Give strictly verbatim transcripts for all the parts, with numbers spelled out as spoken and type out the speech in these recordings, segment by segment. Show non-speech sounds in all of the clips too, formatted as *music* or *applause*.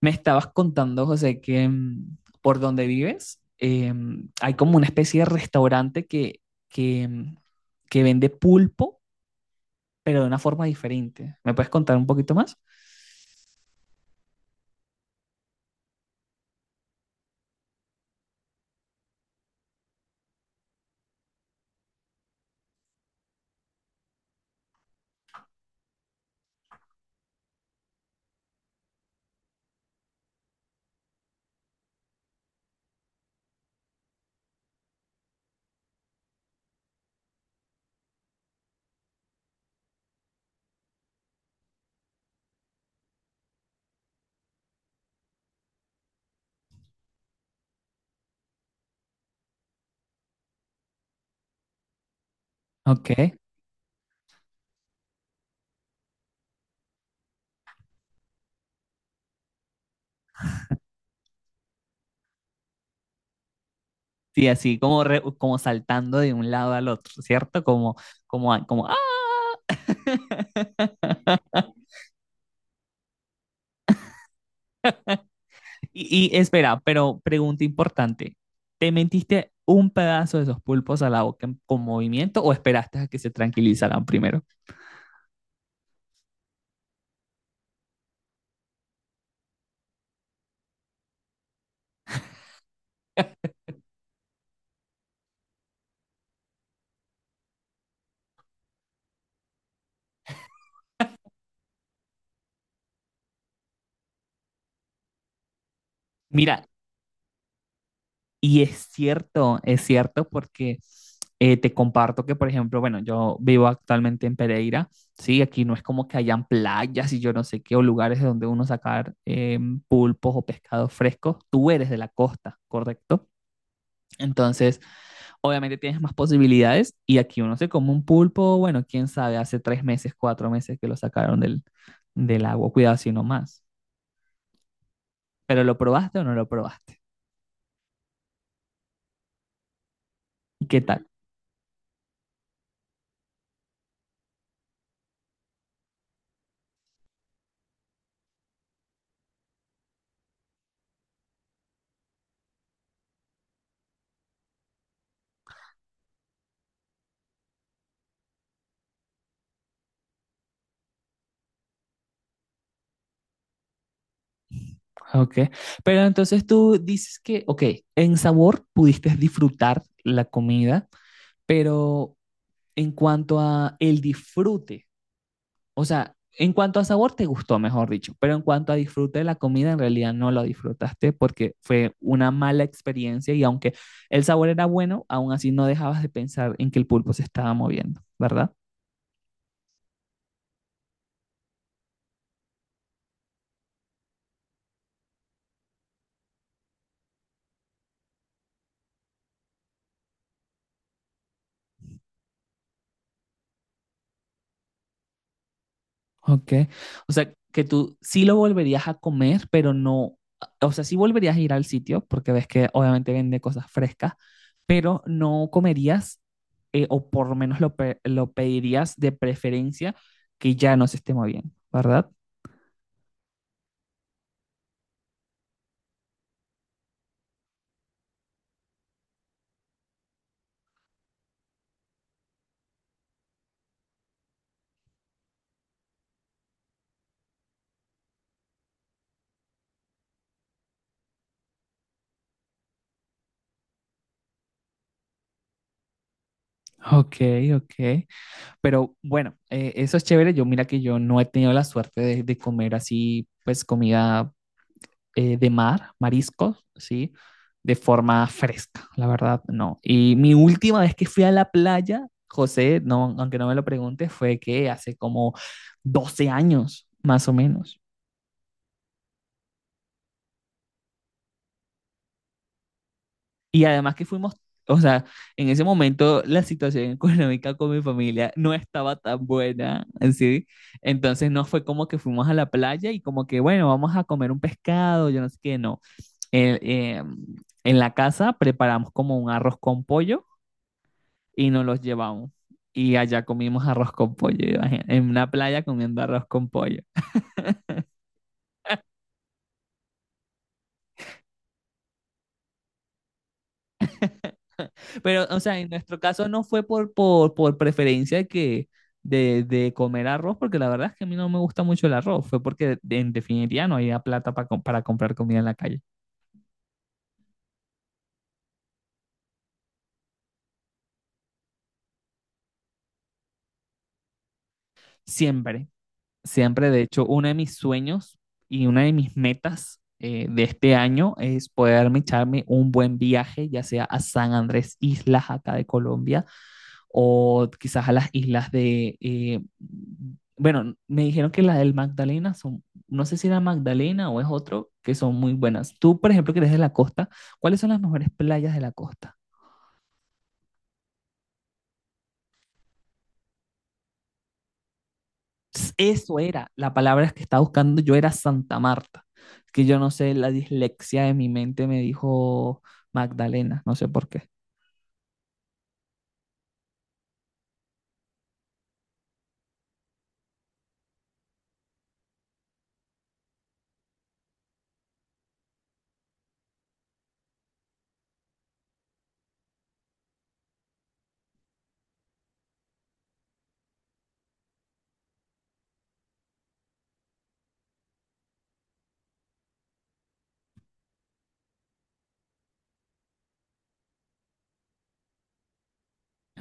Me estabas contando, José, que mm, por donde vives eh, hay como una especie de restaurante que, que, mm, que vende pulpo, pero de una forma diferente. ¿Me puedes contar un poquito más? Ok. Sí, así como, re- como saltando de un lado al otro, ¿cierto? Como, como, a- como, ¡ah! Y, y espera, pero pregunta importante. ¿Te metiste un pedazo de esos pulpos a la boca en- con movimiento o esperaste a que se tranquilizaran primero? Mira, y es cierto, es cierto porque eh, te comparto que, por ejemplo, bueno, yo vivo actualmente en Pereira, ¿sí? Aquí no es como que hayan playas y yo no sé qué, o lugares de donde uno sacar eh, pulpos o pescados frescos. Tú eres de la costa, ¿correcto? Entonces, obviamente tienes más posibilidades y aquí uno se come un pulpo, bueno, quién sabe, hace tres meses, cuatro meses que lo sacaron del, del agua, cuidado si no más. Pero ¿lo probaste o no lo probaste? ¿Y qué tal? Ok, pero entonces tú dices que, ok, en sabor pudiste disfrutar la comida, pero en cuanto a el disfrute, o sea, en cuanto a sabor te gustó, mejor dicho, pero en cuanto a disfrute de la comida, en realidad no lo disfrutaste porque fue una mala experiencia y aunque el sabor era bueno, aún así no dejabas de pensar en que el pulpo se estaba moviendo, ¿verdad? Ok. O sea, que tú sí lo volverías a comer, pero no, o sea, sí volverías a ir al sitio, porque ves que obviamente vende cosas frescas, pero no comerías, eh, o por lo menos lo, pe- lo pedirías de preferencia que ya no se esté moviendo, ¿verdad? Ok, ok. Pero bueno, eh, eso es chévere. Yo mira que yo no he tenido la suerte de, de comer así, pues comida eh, de mar, mariscos, ¿sí? De forma fresca, la verdad, no. Y mi última vez que fui a la playa, José, no, aunque no me lo preguntes, fue que hace como doce años, más o menos. Y además que fuimos, o sea, en ese momento la situación económica con mi familia no estaba tan buena, ¿sí? Entonces no fue como que fuimos a la playa y como que, bueno, vamos a comer un pescado, yo no sé qué, no. Eh, eh, en la casa preparamos como un arroz con pollo, y nos los llevamos. Y allá comimos arroz con pollo, imagínate, en una playa comiendo arroz con pollo. Pero, o sea, en nuestro caso no fue por, por, por preferencia que de, de comer arroz, porque la verdad es que a mí no me gusta mucho el arroz, fue porque de- en definitiva no había plata pa com- para comprar comida en la calle. Siempre. Siempre, de hecho, uno de mis sueños y una de mis metas eh, de este año es poderme echarme un buen viaje, ya sea a San Andrés Islas, acá de Colombia, o quizás a las islas de, eh, bueno, me dijeron que las del Magdalena son, no sé si era Magdalena o es otro, que son muy buenas. Tú, por ejemplo, que eres de la costa, ¿cuáles son las mejores playas de la costa? Eso era, la palabra que estaba buscando yo era Santa Marta, que yo no sé, la dislexia de mi mente me dijo Magdalena, no sé por qué.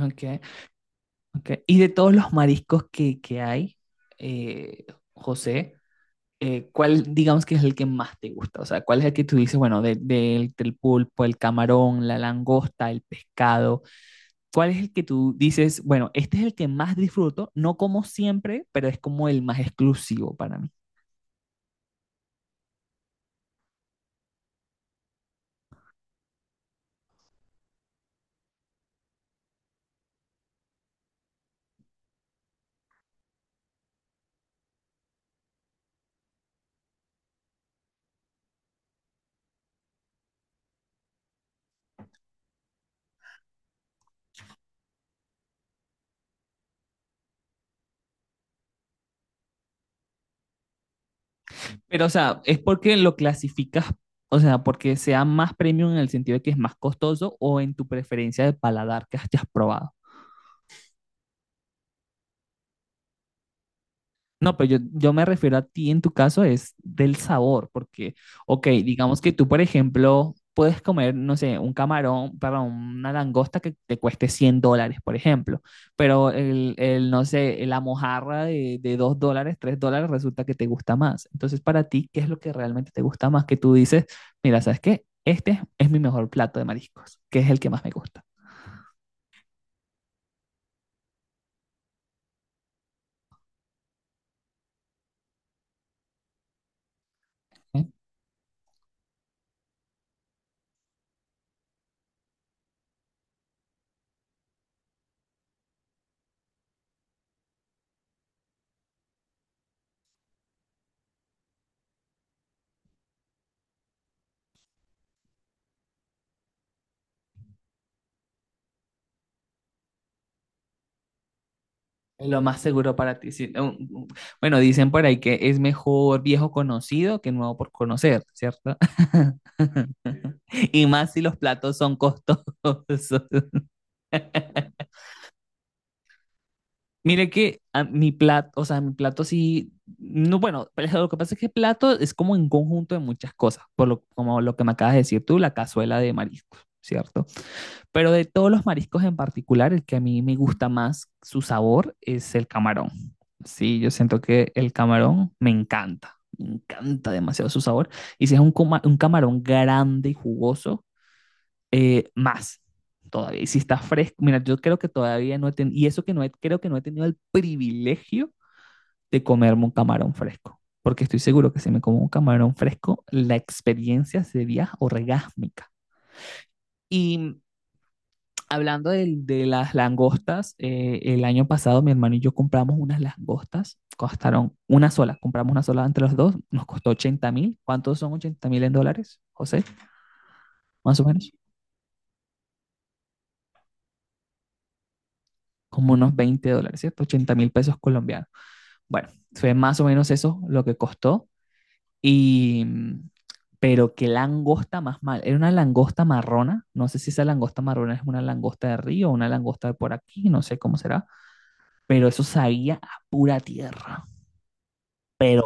Okay, okay. Y de todos los mariscos que, que hay, eh, José, eh, ¿cuál digamos que es el que más te gusta? O sea, ¿cuál es el que tú dices, bueno, de- del del pulpo, el camarón, la langosta, el pescado? ¿Cuál es el que tú dices, bueno, este es el que más disfruto, no como siempre, pero es como el más exclusivo para mí? Pero, o sea, ¿es porque lo clasificas, o sea, porque sea más premium en el sentido de que es más costoso o en tu preferencia de paladar que hayas probado? No, pero yo, yo me refiero a ti en tu caso es del sabor, porque, ok, digamos que tú, por ejemplo, puedes comer, no sé, un camarón, perdón, una langosta que te cueste cien dólares, por ejemplo, pero el, el, no sé, la mojarra de, de dos dólares, tres dólares resulta que te gusta más. Entonces, para ti, ¿qué es lo que realmente te gusta más? Que tú dices, mira, ¿sabes qué? Este es mi mejor plato de mariscos, que es el que más me gusta. Es lo más seguro para ti. Sí. Un- un- Bueno, dicen por ahí que es mejor viejo conocido que nuevo por conocer, ¿cierto? *laughs* Y más si los platos son costosos. *laughs* Mire que a mi plato, o sea, mi plato sí, no, bueno, pero lo que pasa es que plato es como un conjunto de muchas cosas, por lo, como lo que me acabas de decir tú, la cazuela de mariscos, ¿cierto? Pero de todos los mariscos en particular, el que a mí me gusta más su sabor es el camarón. Sí, yo siento que el camarón me encanta, me encanta demasiado su sabor. Y si es un, coma- un camarón grande y jugoso, eh, más todavía. Y si está fresco, mira, yo creo que todavía no he tenido, y eso que no he, creo que no he tenido el privilegio de comerme un camarón fresco, porque estoy seguro que si me como un camarón fresco, la experiencia sería orgásmica. Y hablando del- de, las langostas, eh, el año pasado mi hermano y yo compramos unas langostas, costaron una sola, compramos una sola entre los dos, nos costó ochenta mil. ¿Cuántos son ochenta mil en dólares, José? Más o menos, como unos veinte dólares, ¿cierto? ochenta mil pesos colombianos. Bueno, fue más o menos eso lo que costó. Y, mm, pero qué langosta más mal, era una langosta marrona, no sé si esa langosta marrona es una langosta de río o una langosta de por aquí, no sé cómo será, pero eso sabía a pura tierra. Pero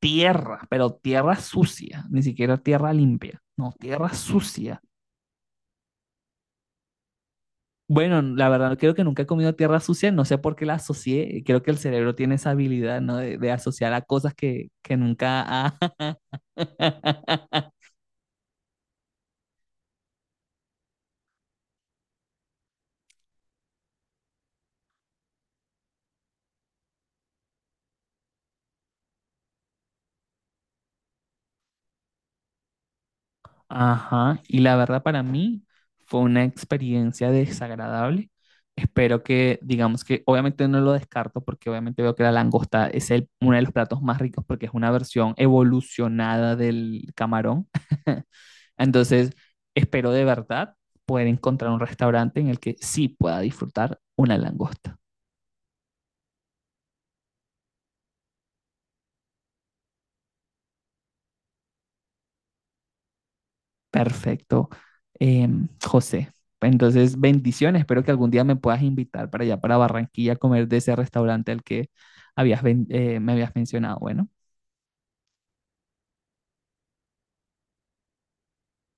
tierra, pero tierra sucia, ni siquiera tierra limpia, no, tierra sucia. Bueno, la verdad creo que nunca he comido tierra sucia, no sé por qué la asocié, creo que el cerebro tiene esa habilidad, ¿no? De, de asociar a cosas que, que nunca ha... *laughs* Ajá, y la verdad para mí fue una experiencia desagradable. Espero que, digamos que, obviamente no lo descarto porque obviamente veo que la langosta es el, uno de los platos más ricos porque es una versión evolucionada del camarón. *laughs* Entonces, espero de verdad poder encontrar un restaurante en el que sí pueda disfrutar una langosta. Perfecto, eh, José. Entonces, bendiciones. Espero que algún día me puedas invitar para allá, para Barranquilla, a comer de ese restaurante al que habías, ven- eh, me habías mencionado. Bueno.